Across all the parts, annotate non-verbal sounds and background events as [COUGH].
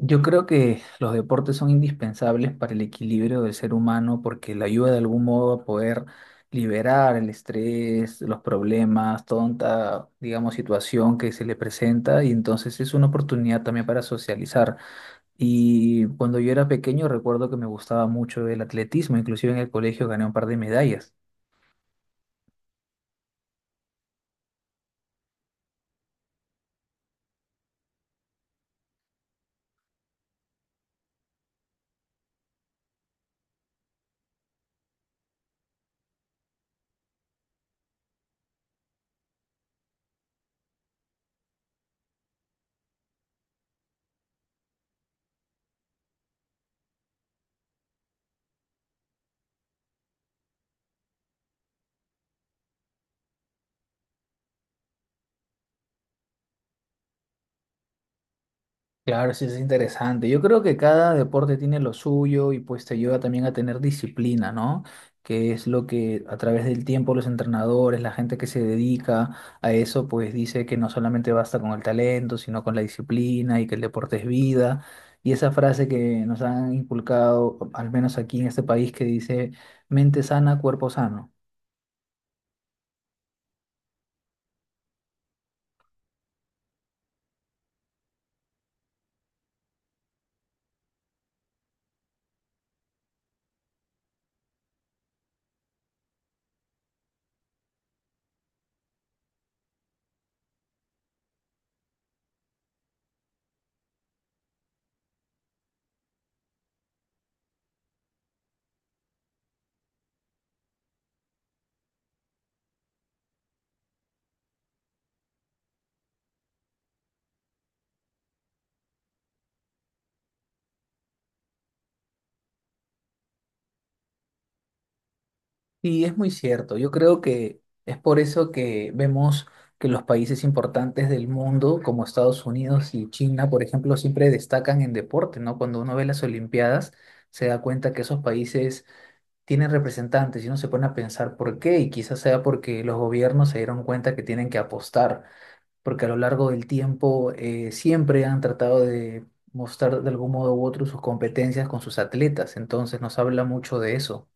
Yo creo que los deportes son indispensables para el equilibrio del ser humano porque le ayuda de algún modo a poder liberar el estrés, los problemas, tonta, digamos, situación que se le presenta y entonces es una oportunidad también para socializar. Y cuando yo era pequeño recuerdo que me gustaba mucho el atletismo, inclusive en el colegio gané un par de medallas. Claro, sí, es interesante. Yo creo que cada deporte tiene lo suyo y pues te ayuda también a tener disciplina, ¿no? Que es lo que a través del tiempo los entrenadores, la gente que se dedica a eso, pues dice que no solamente basta con el talento, sino con la disciplina y que el deporte es vida. Y esa frase que nos han inculcado, al menos aquí en este país, que dice mente sana, cuerpo sano. Y es muy cierto. Yo creo que es por eso que vemos que los países importantes del mundo, como Estados Unidos y China, por ejemplo, siempre destacan en deporte, ¿no? Cuando uno ve las Olimpiadas, se da cuenta que esos países tienen representantes y uno se pone a pensar por qué, y quizás sea porque los gobiernos se dieron cuenta que tienen que apostar, porque a lo largo del tiempo siempre han tratado de mostrar de algún modo u otro sus competencias con sus atletas, entonces nos habla mucho de eso.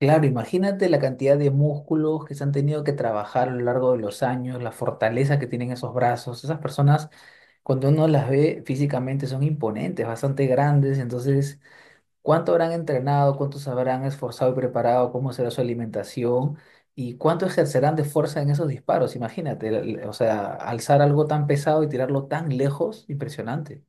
Claro, imagínate la cantidad de músculos que se han tenido que trabajar a lo largo de los años, la fortaleza que tienen esos brazos. Esas personas, cuando uno las ve físicamente, son imponentes, bastante grandes. Entonces, ¿cuánto habrán entrenado? ¿Cuánto se habrán esforzado y preparado? ¿Cómo será su alimentación? ¿Y cuánto ejercerán de fuerza en esos disparos? Imagínate, o sea, alzar algo tan pesado y tirarlo tan lejos, impresionante.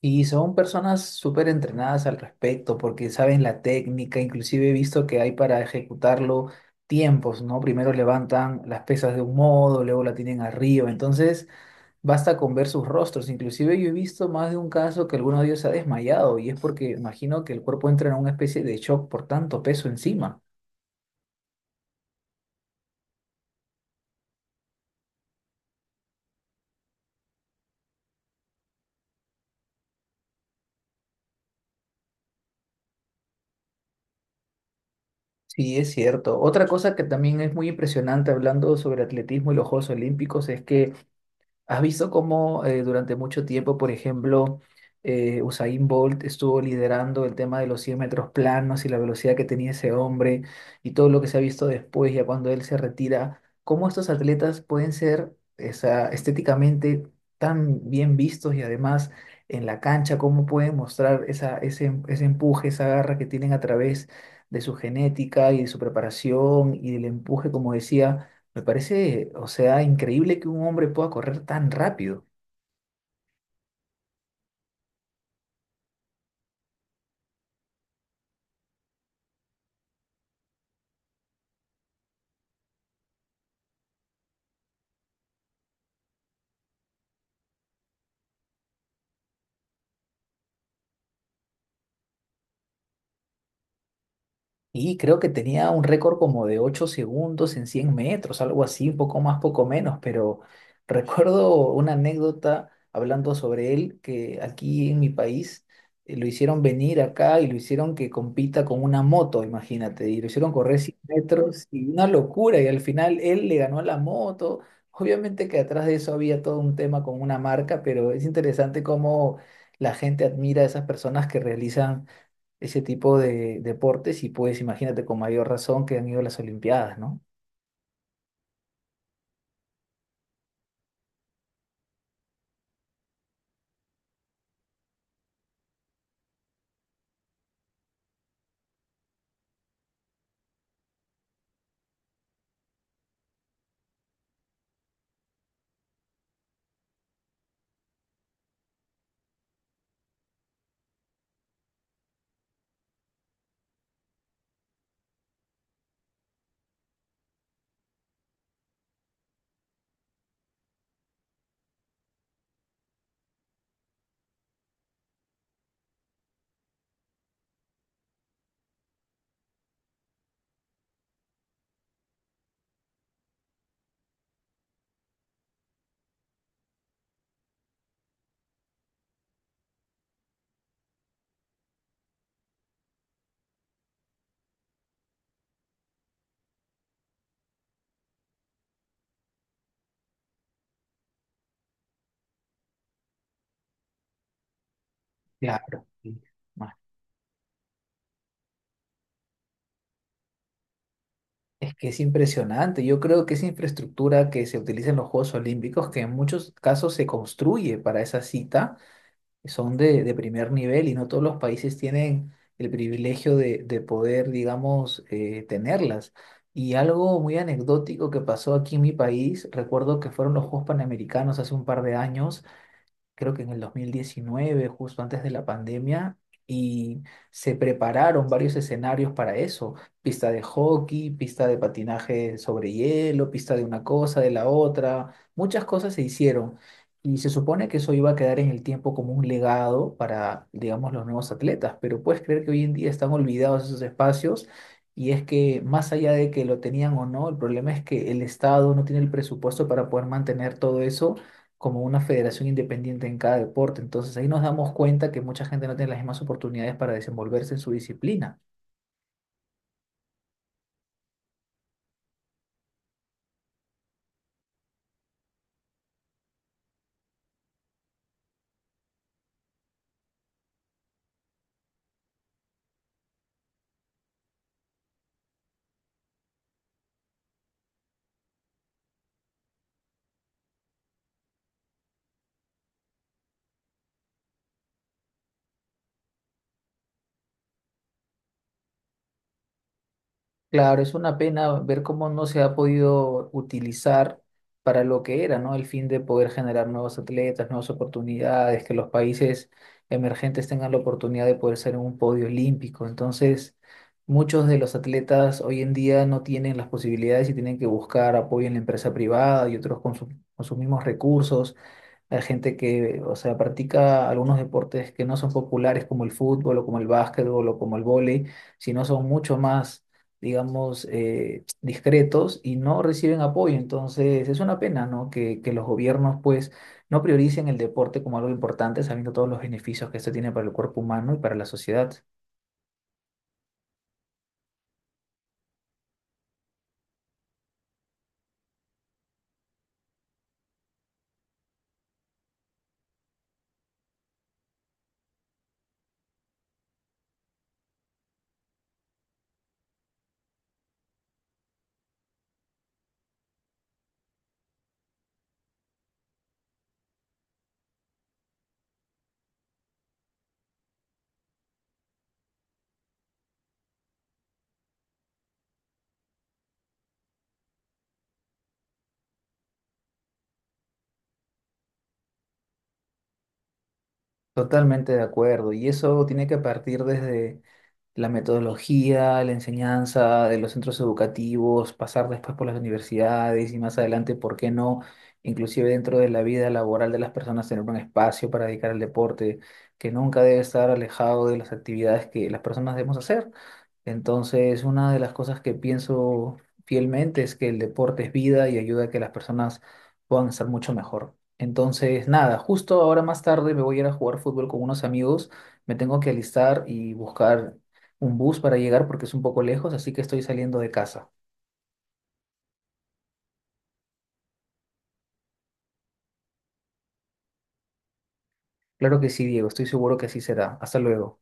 Y son personas súper entrenadas al respecto porque saben la técnica, inclusive he visto que hay para ejecutarlo tiempos, ¿no? Primero levantan las pesas de un modo, luego la tienen arriba, entonces basta con ver sus rostros, inclusive yo he visto más de un caso que alguno de ellos se ha desmayado y es porque imagino que el cuerpo entra en una especie de shock por tanto peso encima. Sí, es cierto. Otra cosa que también es muy impresionante hablando sobre atletismo y los Juegos Olímpicos es que ¿has visto cómo durante mucho tiempo, por ejemplo, Usain Bolt estuvo liderando el tema de los 100 metros planos y la velocidad que tenía ese hombre y todo lo que se ha visto después, ya cuando él se retira? ¿Cómo estos atletas pueden ser esa, estéticamente tan bien vistos y además en la cancha, cómo pueden mostrar esa, ese, ese empuje, esa garra que tienen a través de su genética y de su preparación y del empuje, como decía? Me parece, o sea, increíble que un hombre pueda correr tan rápido. Y creo que tenía un récord como de 8 segundos en 100 metros, algo así, un poco más, poco menos, pero [LAUGHS] recuerdo una anécdota hablando sobre él, que aquí en mi país lo hicieron venir acá y lo hicieron que compita con una moto, imagínate, y lo hicieron correr 100 metros y una locura, y al final él le ganó a la moto. Obviamente que atrás de eso había todo un tema con una marca, pero es interesante cómo la gente admira a esas personas que realizan ese tipo de deportes y pues imagínate con mayor razón que han ido a las Olimpiadas, ¿no? Claro. Sí. Ma- Es que es impresionante. Yo creo que esa infraestructura que se utiliza en los Juegos Olímpicos, que en muchos casos se construye para esa cita, son de primer nivel y no todos los países tienen el privilegio de poder, digamos, tenerlas. Y algo muy anecdótico que pasó aquí en mi país, recuerdo que fueron los Juegos Panamericanos hace un par de años, creo que en el 2019, justo antes de la pandemia, y se prepararon varios escenarios para eso, pista de hockey, pista de patinaje sobre hielo, pista de una cosa, de la otra, muchas cosas se hicieron. Y se supone que eso iba a quedar en el tiempo como un legado para, digamos, los nuevos atletas, pero puedes creer que hoy en día están olvidados esos espacios y es que más allá de que lo tenían o no, el problema es que el Estado no tiene el presupuesto para poder mantener todo eso como una federación independiente en cada deporte. Entonces ahí nos damos cuenta que mucha gente no tiene las mismas oportunidades para desenvolverse en su disciplina. Claro, es una pena ver cómo no se ha podido utilizar para lo que era, ¿no? El fin de poder generar nuevos atletas, nuevas oportunidades, que los países emergentes tengan la oportunidad de poder ser en un podio olímpico. Entonces, muchos de los atletas hoy en día no tienen las posibilidades y tienen que buscar apoyo en la empresa privada y otros con sus mismos recursos. Hay gente que, o sea, practica algunos deportes que no son populares como el fútbol o como el básquetbol o como el vóley, sino son mucho más, digamos, discretos y no reciben apoyo. Entonces, es una pena, ¿no? Que los gobiernos, pues, no prioricen el deporte como algo importante, sabiendo todos los beneficios que esto tiene para el cuerpo humano y para la sociedad. Totalmente de acuerdo. Y eso tiene que partir desde la metodología, la enseñanza de los centros educativos, pasar después por las universidades y más adelante, ¿por qué no? Inclusive dentro de la vida laboral de las personas, tener un espacio para dedicar al deporte que nunca debe estar alejado de las actividades que las personas debemos hacer. Entonces, una de las cosas que pienso fielmente es que el deporte es vida y ayuda a que las personas puedan estar mucho mejor. Entonces, nada, justo ahora más tarde me voy a ir a jugar fútbol con unos amigos. Me tengo que alistar y buscar un bus para llegar porque es un poco lejos, así que estoy saliendo de casa. Claro que sí, Diego, estoy seguro que así será. Hasta luego.